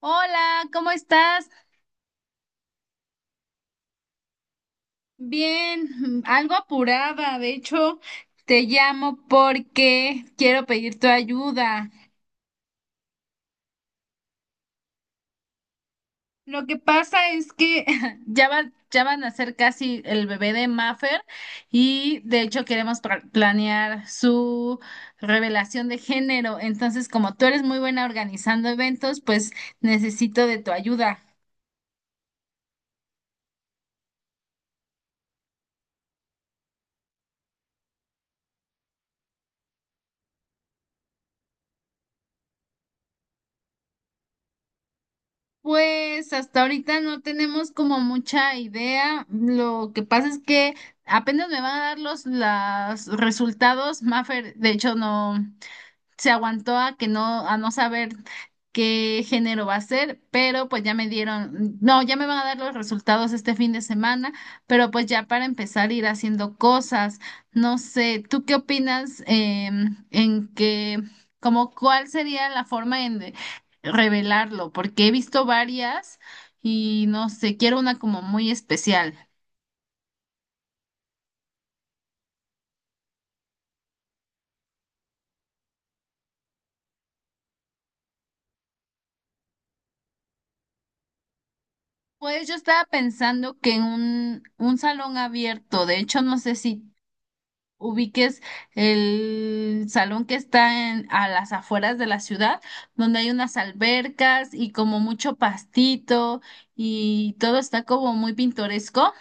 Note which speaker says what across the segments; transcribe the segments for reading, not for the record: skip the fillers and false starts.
Speaker 1: Hola, ¿cómo estás? Bien, algo apurada. De hecho, te llamo porque quiero pedir tu ayuda. Lo que pasa es que ya van a ser casi el bebé de Maffer y de hecho queremos planear su revelación de género. Entonces, como tú eres muy buena organizando eventos, pues necesito de tu ayuda. Pues hasta ahorita no tenemos como mucha idea. Lo que pasa es que apenas me van a dar los las resultados. Mafer, de hecho, no se aguantó a no saber qué género va a ser, pero pues ya me dieron, no, ya me van a dar los resultados este fin de semana, pero pues ya para empezar a ir haciendo cosas, no sé, ¿tú qué opinas como cuál sería la forma en de revelarlo? Porque he visto varias y no sé, quiero una como muy especial. Pues yo estaba pensando que en un salón abierto, de hecho no sé si ubiques el salón que está en, a las afueras de la ciudad, donde hay unas albercas y como mucho pastito y todo está como muy pintoresco.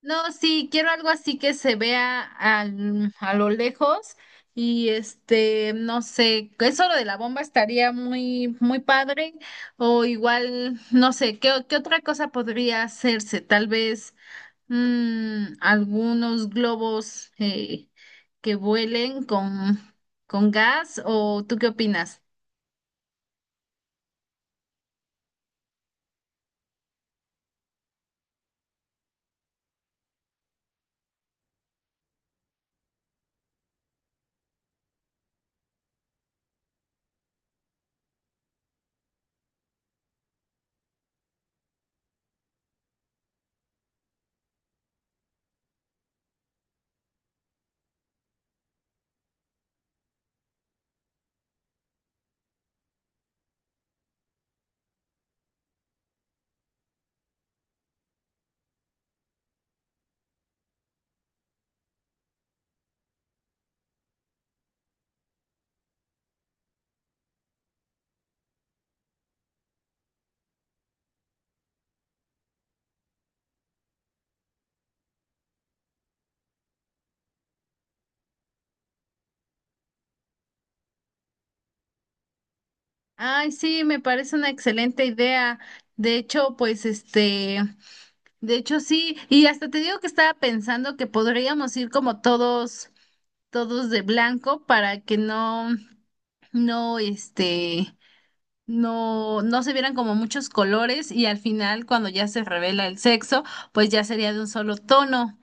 Speaker 1: No, sí, quiero algo así que se vea a lo lejos y este, no sé, eso lo de la bomba estaría muy, muy padre o igual, no sé, ¿Qué otra cosa podría hacerse? Tal vez. Algunos globos que vuelen con gas, ¿o tú qué opinas? Ay, sí, me parece una excelente idea. De hecho, pues este, de hecho sí, y hasta te digo que estaba pensando que podríamos ir como todos, todos de blanco para que no, no, este, no, no se vieran como muchos colores y al final cuando ya se revela el sexo, pues ya sería de un solo tono.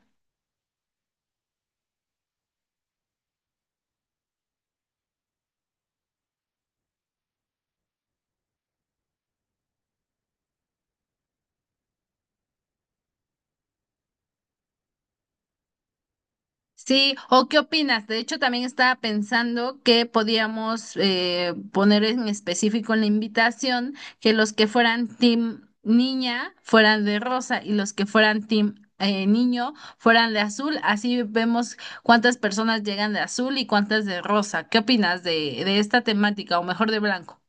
Speaker 1: Sí, ¿o qué opinas? De hecho, también estaba pensando que podíamos poner en específico en la invitación que los que fueran team niña fueran de rosa y los que fueran team niño fueran de azul. Así vemos cuántas personas llegan de azul y cuántas de rosa. ¿Qué opinas de esta temática o mejor de blanco?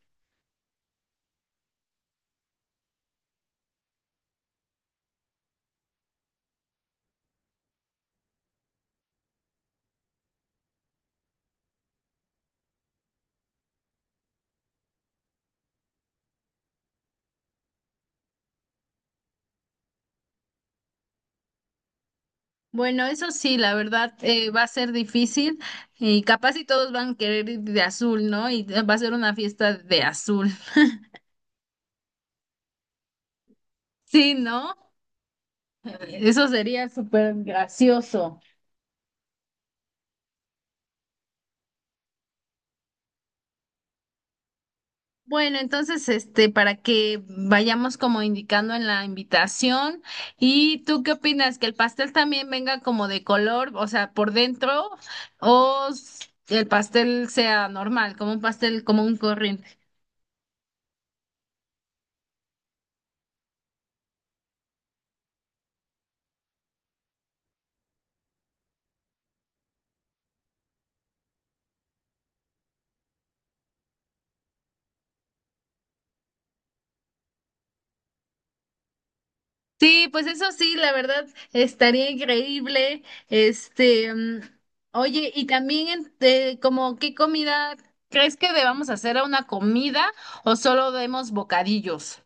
Speaker 1: Bueno, eso sí, la verdad va a ser difícil y capaz si todos van a querer ir de azul, ¿no? Y va a ser una fiesta de azul. Sí, ¿no? Eso sería súper gracioso. Bueno, entonces, este, para que vayamos como indicando en la invitación. ¿Y tú qué opinas? ¿Que el pastel también venga como de color, o sea, por dentro, o el pastel sea normal, como un pastel, como un corriente? Sí, pues eso sí, la verdad, estaría increíble. Este, oye, y también, este, como, ¿qué, comida crees que debamos hacer a una comida o solo demos bocadillos?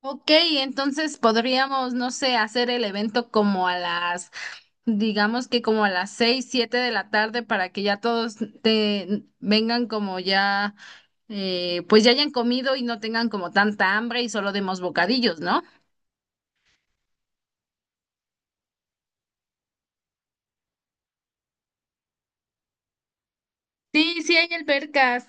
Speaker 1: Ok, entonces podríamos, no sé, hacer el evento como digamos que como a las 6, 7 de la tarde para que ya todos te vengan como ya, pues ya hayan comido y no tengan como tanta hambre y solo demos bocadillos, ¿no? Sí, sí hay albercas.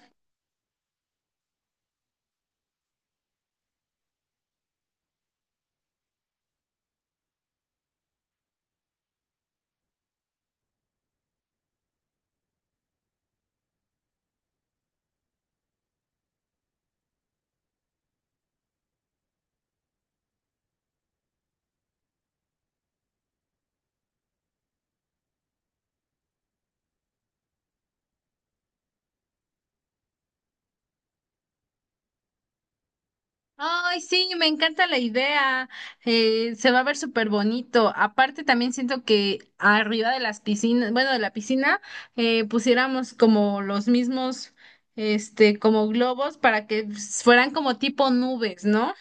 Speaker 1: Ay, sí, me encanta la idea. Se va a ver súper bonito. Aparte, también siento que arriba de las piscinas, bueno, de la piscina, pusiéramos como los mismos, este, como globos para que fueran como tipo nubes, ¿no?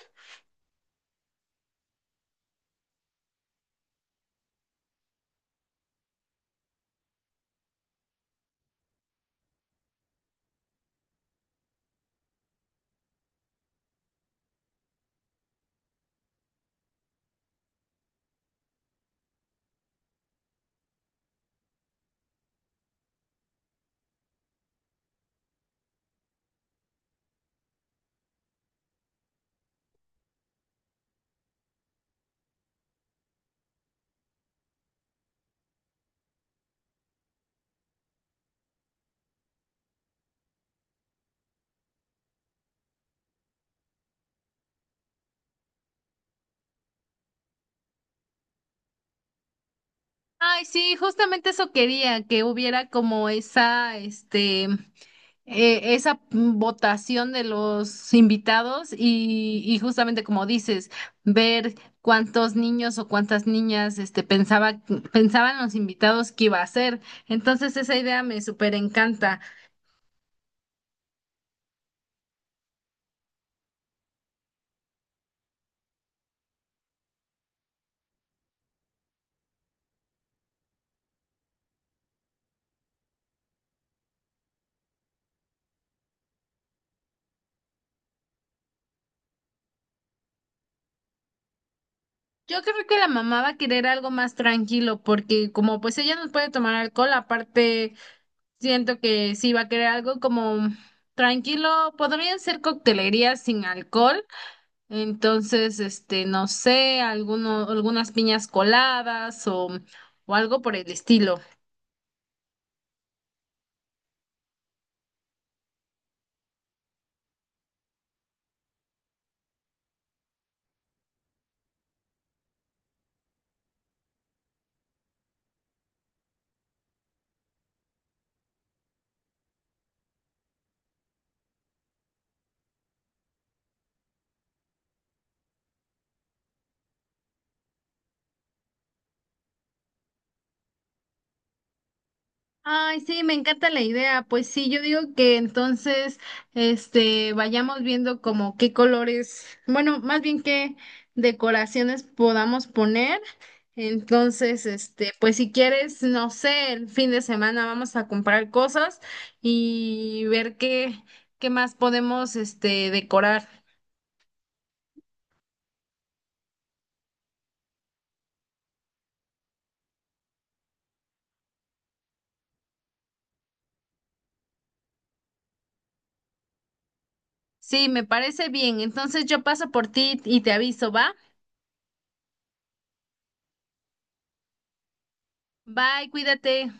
Speaker 1: Ay, sí, justamente eso quería, que hubiera como este, esa votación de los invitados y justamente como dices, ver cuántos niños o cuántas niñas, este, pensaban los invitados que iba a ser. Entonces esa idea me súper encanta. Yo creo que la mamá va a querer algo más tranquilo porque como pues ella no puede tomar alcohol, aparte. Siento que sí va a querer algo como tranquilo, podrían ser coctelerías sin alcohol, entonces, este, no sé, algunas piñas coladas o algo por el estilo. Ay, sí, me encanta la idea. Pues sí, yo digo que entonces, este, vayamos viendo como qué colores, bueno, más bien qué, decoraciones podamos poner. Entonces, este, pues si quieres, no sé, el fin de semana vamos a comprar cosas y ver qué más podemos, este, decorar. Sí, me parece bien. Entonces yo paso por ti y te aviso, ¿va? Bye, cuídate.